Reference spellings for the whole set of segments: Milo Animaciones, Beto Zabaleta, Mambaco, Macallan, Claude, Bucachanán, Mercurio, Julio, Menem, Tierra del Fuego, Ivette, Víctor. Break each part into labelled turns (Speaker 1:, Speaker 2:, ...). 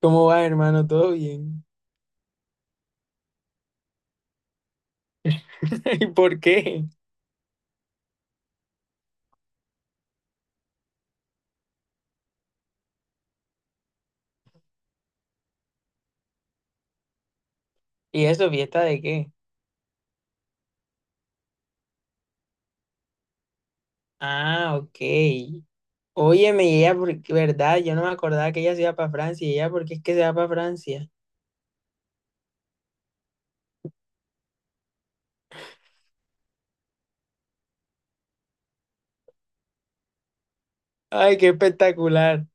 Speaker 1: ¿Cómo va, hermano? ¿Todo bien? ¿Y por qué? ¿Y eso, fiesta de qué? Ah, ok. Óyeme, y ella, ¿verdad? Yo no me acordaba que ella se iba para Francia. ¿Y ella por qué es que se va para Francia? Ay, qué espectacular.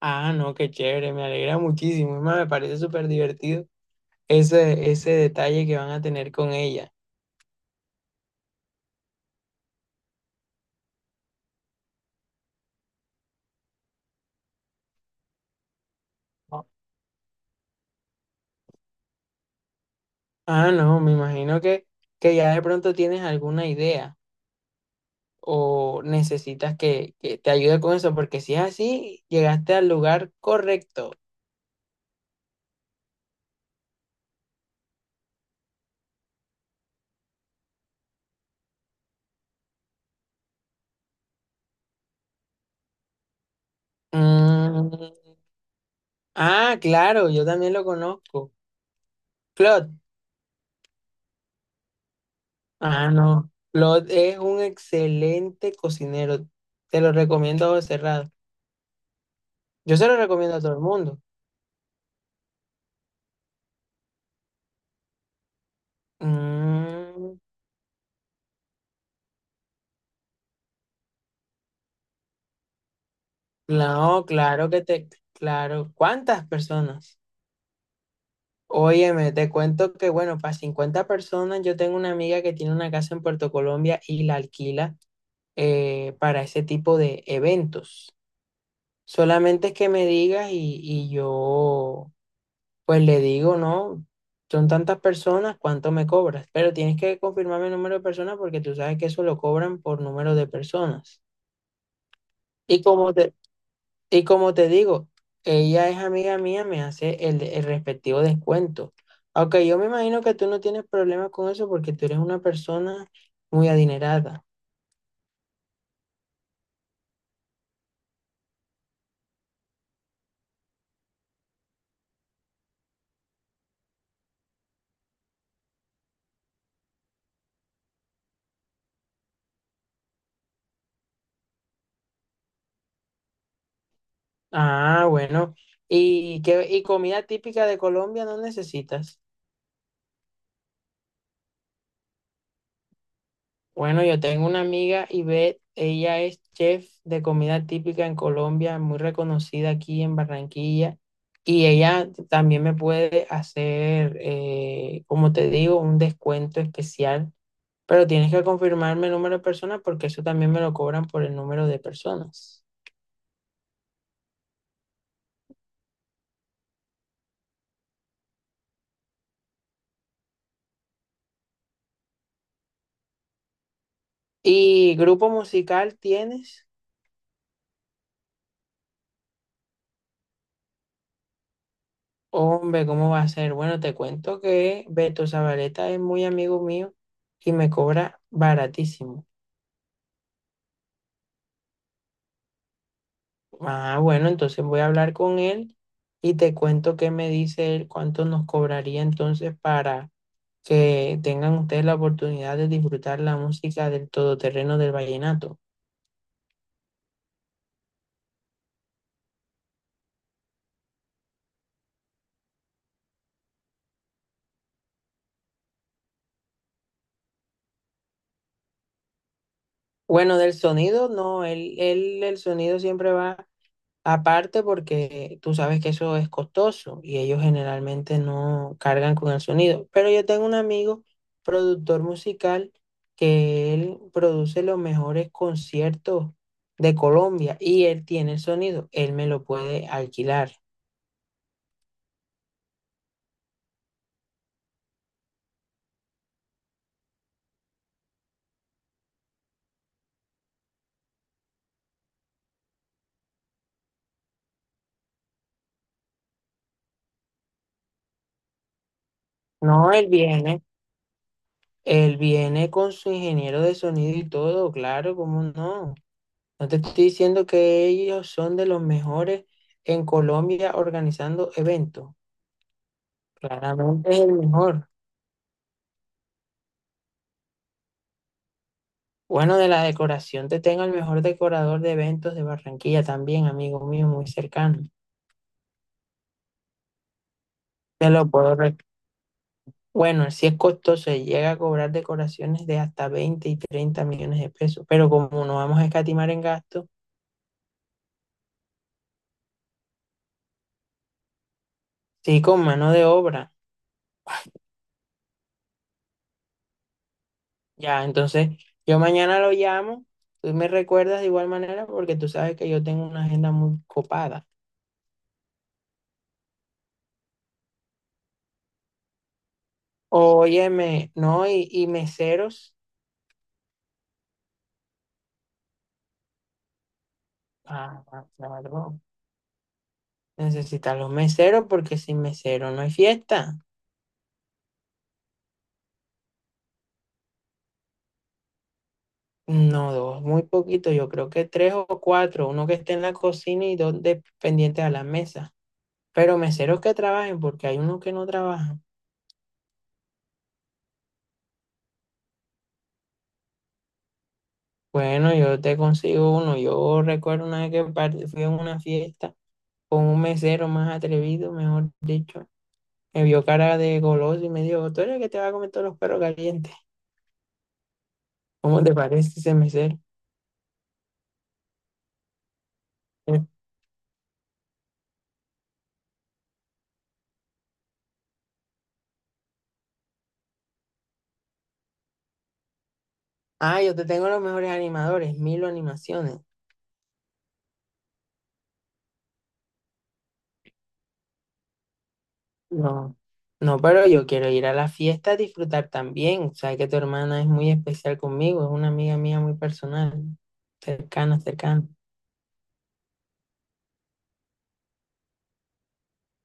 Speaker 1: Ah, no, qué chévere. Me alegra muchísimo. Es más, me parece súper divertido ese detalle que van a tener con ella. Ah, no, me imagino que ya de pronto tienes alguna idea, o necesitas que te ayude con eso, porque si es así, llegaste al lugar correcto. Mm. Ah, claro, yo también lo conozco. Claude. Ah, no. Claude es un excelente cocinero. Te lo recomiendo a ojos cerrados. Yo se lo recomiendo a todo el mundo. Mm, no, claro que te, claro. ¿Cuántas personas? Óyeme, te cuento que, bueno, para 50 personas, yo tengo una amiga que tiene una casa en Puerto Colombia y la alquila, para ese tipo de eventos. Solamente que me digas y yo pues le digo, no, son tantas personas, ¿cuánto me cobras? Pero tienes que confirmarme el número de personas porque tú sabes que eso lo cobran por número de personas. Y como te, y como te digo, ella es amiga mía, me hace el respectivo descuento. Aunque yo me imagino que tú no tienes problemas con eso porque tú eres una persona muy adinerada. Ah, bueno. ¿Y qué, y comida típica de Colombia no necesitas? Bueno, yo tengo una amiga, Ivette, ella es chef de comida típica en Colombia, muy reconocida aquí en Barranquilla, y ella también me puede hacer, como te digo, un descuento especial, pero tienes que confirmarme el número de personas porque eso también me lo cobran por el número de personas. ¿Y grupo musical tienes? Hombre, ¿cómo va a ser? Bueno, te cuento que Beto Zabaleta es muy amigo mío y me cobra baratísimo. Ah, bueno, entonces voy a hablar con él y te cuento qué me dice él, cuánto nos cobraría entonces para que tengan ustedes la oportunidad de disfrutar la música del todoterreno del vallenato. Bueno, del sonido, no, el sonido siempre va aparte porque tú sabes que eso es costoso y ellos generalmente no cargan con el sonido. Pero yo tengo un amigo, productor musical, que él produce los mejores conciertos de Colombia y él tiene el sonido, él me lo puede alquilar. No, él viene con su ingeniero de sonido y todo, claro, ¿cómo no? No te estoy diciendo que ellos son de los mejores en Colombia organizando eventos. Claramente es el mejor. Bueno, de la decoración te tengo el mejor decorador de eventos de Barranquilla también, amigo mío, muy cercano. Te lo puedo... Bueno, si es costoso, y llega a cobrar decoraciones de hasta 20 y 30 millones de pesos, pero como no vamos a escatimar en gastos, sí, con mano de obra. Ya, entonces yo mañana lo llamo, tú me recuerdas de igual manera porque tú sabes que yo tengo una agenda muy copada. Óyeme, no, y meseros. Ah, claro. Necesitan los meseros porque sin mesero no hay fiesta. No, dos, muy poquito, yo creo que tres o cuatro, uno que esté en la cocina y dos pendientes a la mesa. Pero meseros que trabajen porque hay unos que no trabajan. Bueno, yo te consigo uno. Yo recuerdo una vez que fui a una fiesta con un mesero más atrevido, mejor dicho. Me vio cara de goloso y me dijo, tú eres el que te va a comer todos los perros calientes. ¿Cómo te parece ese mesero? Eh, Ah, yo te tengo los mejores animadores, Milo Animaciones. No, no, pero yo quiero ir a la fiesta a disfrutar también. Sabes que tu hermana es muy especial conmigo, es una amiga mía muy personal, cercana, cercana.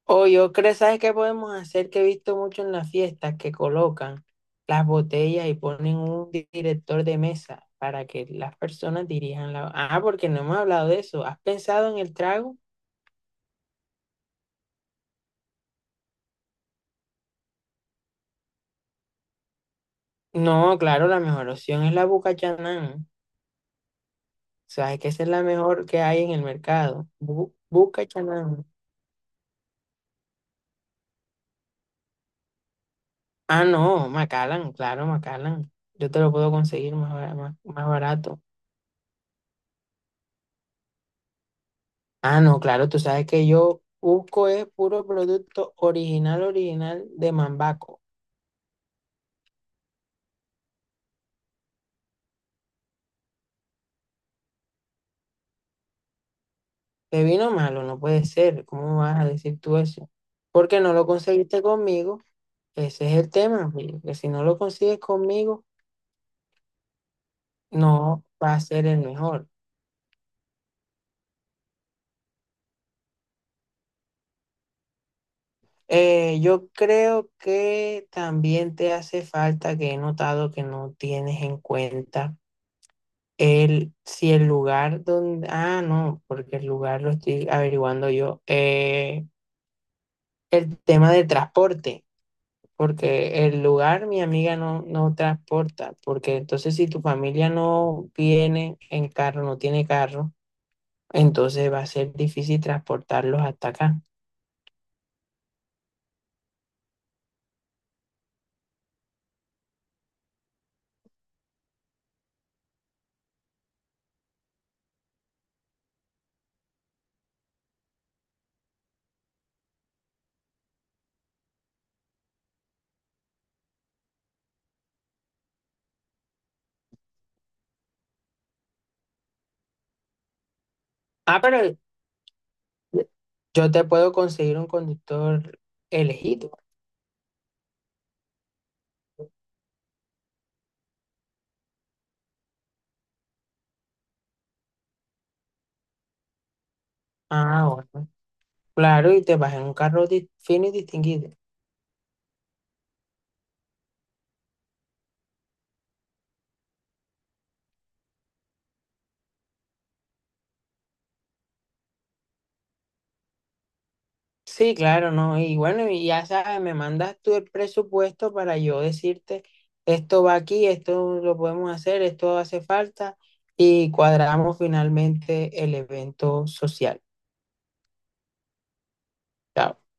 Speaker 1: O yo creo, ¿sabes qué podemos hacer? Que he visto mucho en las fiestas que colocan las botellas y ponen un director de mesa para que las personas dirijan la... Ah, porque no hemos hablado de eso. ¿Has pensado en el trago? No, claro, la mejor opción es la Bucachanán. Sabes que esa es la mejor que hay en el mercado. Bu Bucachanán. Ah, no, Macallan, claro, Macallan. Yo te lo puedo conseguir más barato. Ah, no, claro, tú sabes que yo busco es puro producto original, original de Mambaco. Te vino malo, no puede ser. ¿Cómo vas a decir tú eso? Porque no lo conseguiste conmigo. Ese es el tema, Julio, que si no lo consigues conmigo, no va a ser el mejor. Yo creo que también te hace falta que he notado que no tienes en cuenta. El, si el lugar donde... Ah, no, porque el lugar lo estoy averiguando yo. El tema del transporte, porque el lugar mi amiga no, no transporta, porque entonces si tu familia no viene en carro, no tiene carro, entonces va a ser difícil transportarlos hasta acá. Ah, pero yo te puedo conseguir un conductor elegido. Ah, bueno. Claro, y te vas en un carro fino y distinguido. Sí, claro, no. Y bueno, y ya sabes, me mandas tú el presupuesto para yo decirte, esto va aquí, esto lo podemos hacer, esto hace falta y cuadramos finalmente el evento social. Chao.